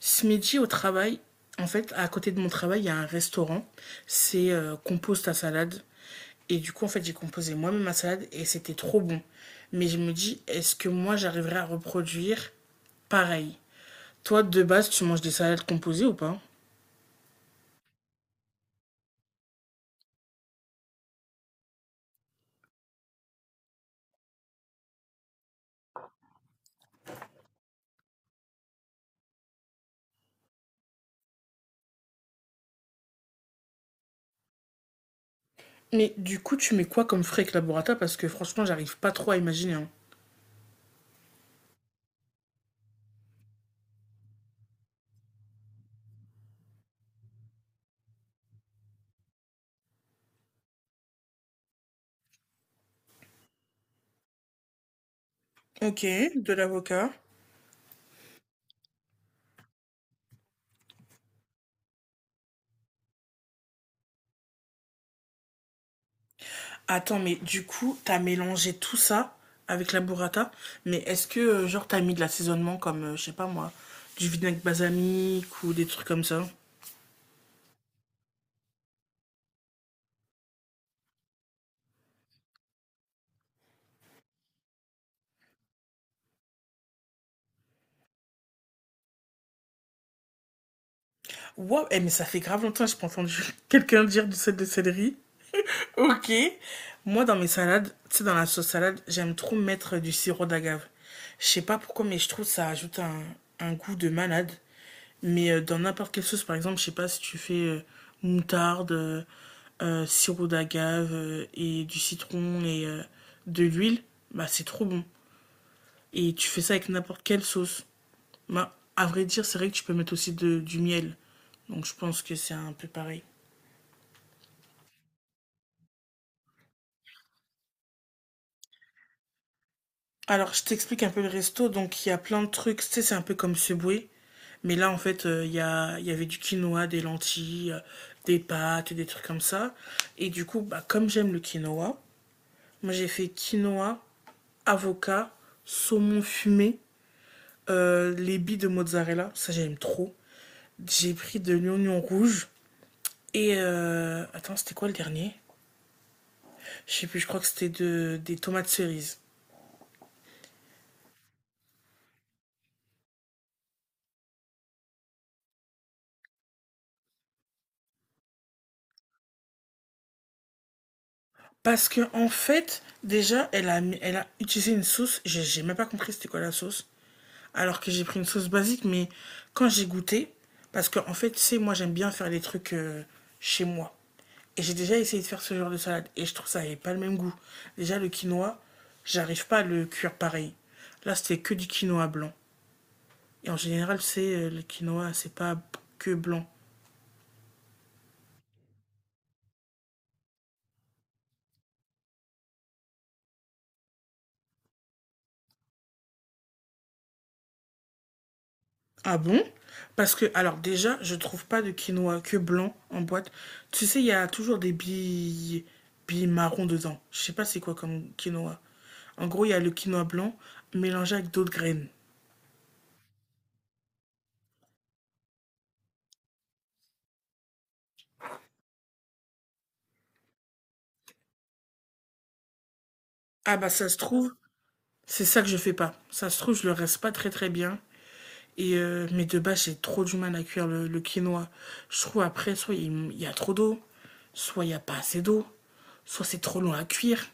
Ce midi au travail, en fait, à côté de mon travail, il y a un restaurant. C'est compose ta salade. Et du coup, en fait, j'ai composé moi-même ma salade et c'était trop bon. Mais je me dis, est-ce que moi, j'arriverai à reproduire pareil? Toi, de base, tu manges des salades composées ou pas? Mais du coup, tu mets quoi comme frais avec la burrata? Parce que franchement, j'arrive pas trop à imaginer, hein. Ok, de l'avocat. Attends, mais du coup, t'as mélangé tout ça avec la burrata, mais est-ce que, genre, t'as mis de l'assaisonnement comme, je sais pas moi, du vinaigre balsamique ou des trucs comme ça? Wow eh, mais ça fait grave longtemps que j'ai pas entendu quelqu'un dire du sel de céleri. Ok. Moi, dans mes salades, tu sais, dans la sauce salade, j'aime trop mettre du sirop d'agave. Je sais pas pourquoi, mais je trouve que ça ajoute un goût de malade. Mais dans n'importe quelle sauce, par exemple, je sais pas si tu fais moutarde, sirop d'agave et du citron et de l'huile, bah c'est trop bon. Et tu fais ça avec n'importe quelle sauce. Bah, à vrai dire, c'est vrai que tu peux mettre aussi du miel. Donc je pense que c'est un peu pareil. Alors, je t'explique un peu le resto. Donc, il y a plein de trucs. Tu sais, c'est un peu comme Subway. Mais là, en fait, il y avait du quinoa, des lentilles, des pâtes, des trucs comme ça. Et du coup, bah, comme j'aime le quinoa, moi, j'ai fait quinoa, avocat, saumon fumé, les billes de mozzarella. Ça, j'aime trop. J'ai pris de l'oignon rouge. Et... attends, c'était quoi le dernier? Je sais plus, je crois que c'était des tomates cerises. Parce que en fait, déjà, elle a utilisé une sauce. J'ai même pas compris c'était quoi la sauce. Alors que j'ai pris une sauce basique, mais quand j'ai goûté, parce que en fait, tu sais, moi j'aime bien faire les trucs chez moi. Et j'ai déjà essayé de faire ce genre de salade. Et je trouve que ça n'avait pas le même goût. Déjà, le quinoa, j'arrive pas à le cuire pareil. Là, c'était que du quinoa blanc. Et en général, c'est le quinoa, c'est pas que blanc. Ah bon? Parce que, alors déjà, je trouve pas de quinoa que blanc en boîte. Tu sais, il y a toujours des billes, billes marron dedans. Je sais pas c'est quoi comme quinoa. En gros, il y a le quinoa blanc mélangé avec d'autres graines. Ah bah ça se trouve, c'est ça que je fais pas. Ça se trouve, je le reste pas très très bien. Et mais de base, j'ai trop du mal à cuire le quinoa. Je trouve après, soit il y a trop d'eau, soit il y a pas assez d'eau, soit c'est trop long à cuire.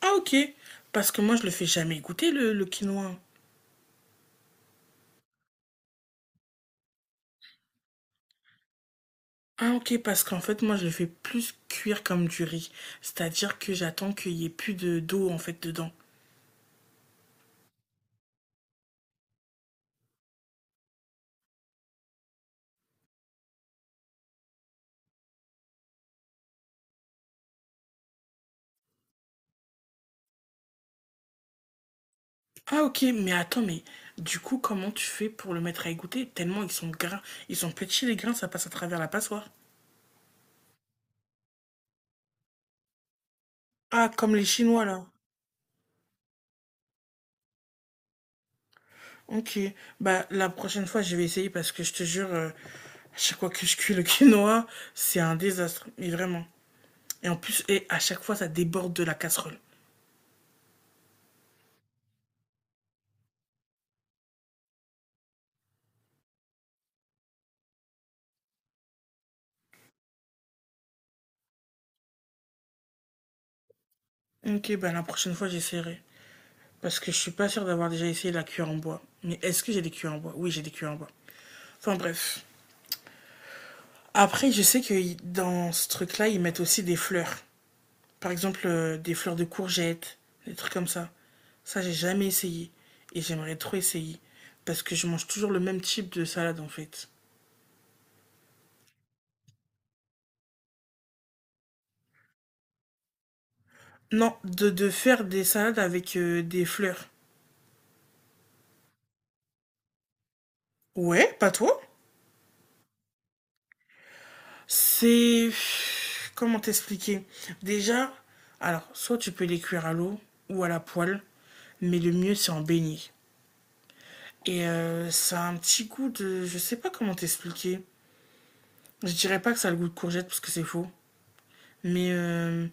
Ah ok, parce que moi je le fais jamais goûter le quinoa. Ah ok, parce qu'en fait, moi, je le fais plus cuire comme du riz. C'est-à-dire que j'attends qu'il y ait plus de d'eau, en fait, dedans. Ah ok, mais attends, mais du coup, comment tu fais pour le mettre à égoutter? Tellement ils sont gras. Ils sont petits, les grains, ça passe à travers la passoire. Ah, comme les Chinois, là. Ok, bah la prochaine fois, je vais essayer parce que je te jure, à chaque fois que je cuis le quinoa, c'est un désastre, mais vraiment. Et en plus, et à chaque fois, ça déborde de la casserole. Ok, bah la prochaine fois, j'essaierai. Parce que je suis pas sûre d'avoir déjà essayé la cuillère en bois. Mais est-ce que j'ai des cuillères en bois? Oui, j'ai des cuillères en bois. Enfin bref. Après, je sais que dans ce truc-là, ils mettent aussi des fleurs. Par exemple, des fleurs de courgettes, des trucs comme ça. Ça, j'ai jamais essayé. Et j'aimerais trop essayer. Parce que je mange toujours le même type de salade, en fait. Non, de faire des salades avec des fleurs. Ouais, pas toi? C'est. Comment t'expliquer? Déjà, alors, soit tu peux les cuire à l'eau ou à la poêle, mais le mieux c'est en beignet. Et ça a un petit goût de. Je sais pas comment t'expliquer. Je dirais pas que ça a le goût de courgette parce que c'est faux. Mais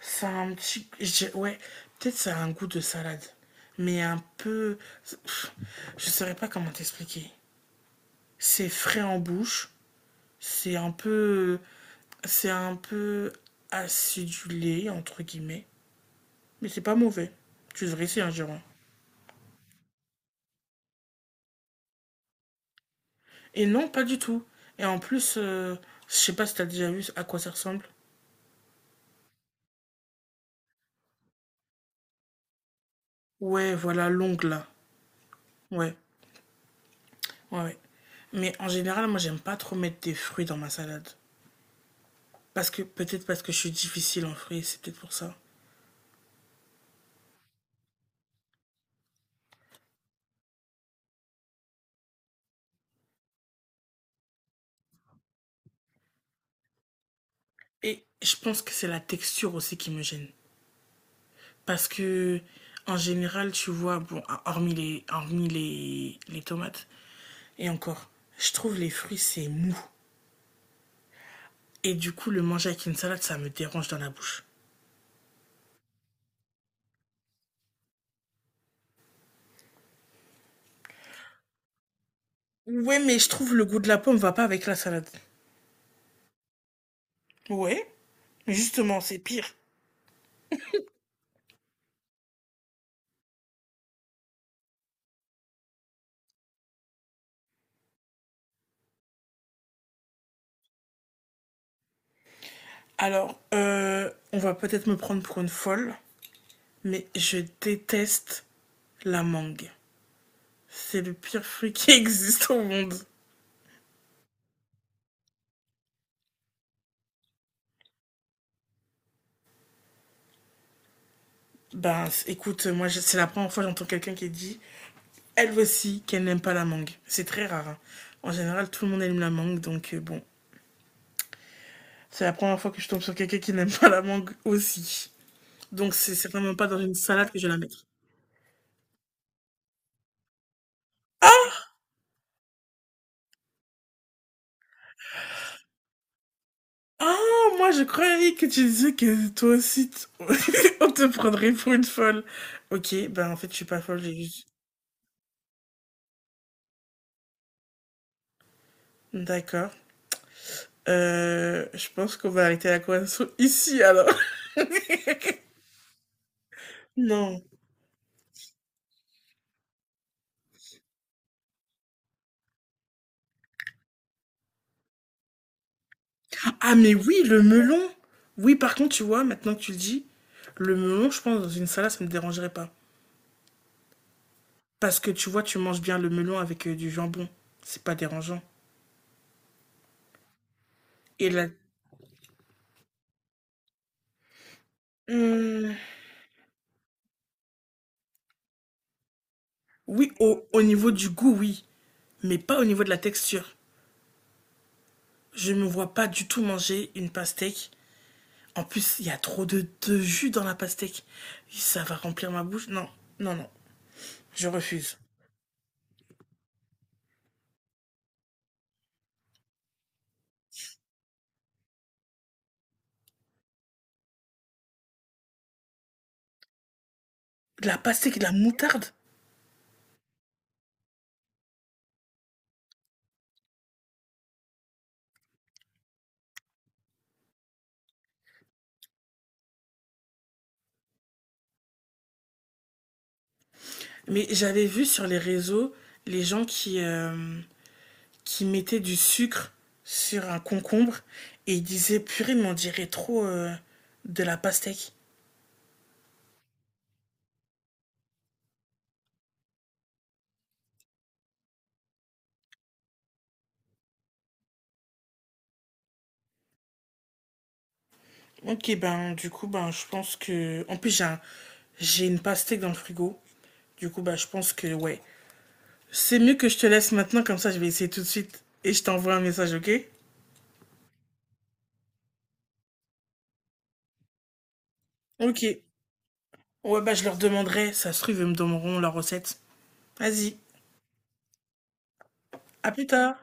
ça a un petit. Je dirais- Ouais, peut-être ça a un goût de salade. Mais un peu. Pff, je saurais pas comment t'expliquer. C'est frais en bouche. C'est un peu. C'est un peu acidulé, entre guillemets. Mais c'est pas mauvais. Tu devrais essayer un giron. Et non, pas du tout. Et en plus, je sais pas si t'as déjà vu à quoi ça ressemble. Ouais, voilà, l'ongle là. Ouais, ouais, ouais. Mais en général, moi, j'aime pas trop mettre des fruits dans ma salade. Parce que, peut-être parce que je suis difficile en fruits, c'est peut-être pour ça. Et je pense que c'est la texture aussi qui me gêne. Parce que, en général, tu vois, bon, hormis les tomates, et encore, je trouve les fruits, c'est mou. Et du coup, le manger avec une salade, ça me dérange dans la bouche. Ouais, mais je trouve le goût de la pomme va pas avec la salade. Ouais, mais justement, c'est pire. Alors, on va peut-être me prendre pour une folle, mais je déteste la mangue. C'est le pire fruit qui existe au monde. Ben, écoute, moi, c'est la première fois que j'entends quelqu'un qui dit elle aussi qu'elle n'aime pas la mangue. C'est très rare, hein. En général, tout le monde aime la mangue, donc bon. C'est la première fois que je tombe sur quelqu'un qui n'aime pas la mangue aussi. Donc c'est certainement pas dans une salade que je vais la mettre. Ah, ah, moi je croyais que tu disais que toi aussi on te prendrait pour une folle. Ok, ben en fait je suis pas folle, j'ai juste... D'accord. Je pense qu'on va arrêter la conversation ici alors. Non. Ah mais oui, le melon. Oui, par contre, tu vois, maintenant que tu le dis, le melon, je pense, dans une salade, ça ne me dérangerait pas. Parce que tu vois, tu manges bien le melon avec du jambon. C'est pas dérangeant. Et la... Hmm, oui, au, au niveau du goût, oui. Mais pas au niveau de la texture. Je me vois pas du tout manger une pastèque. En plus, il y a trop de jus dans la pastèque. Ça va remplir ma bouche. Non, non, non. Je refuse. De la pastèque, et de la moutarde. Mais j'avais vu sur les réseaux les gens qui mettait du sucre sur un concombre et il disait purée mais on dirait trop de la pastèque. Ok ben du coup ben je pense que en plus j'ai une pastèque dans le frigo. Du coup ben je pense que ouais. C'est mieux que je te laisse maintenant comme ça je vais essayer tout de suite et je t'envoie un message ok? Ok. Ouais bah je leur demanderai, ça se trouve ils me donneront la recette. Vas-y, à plus tard.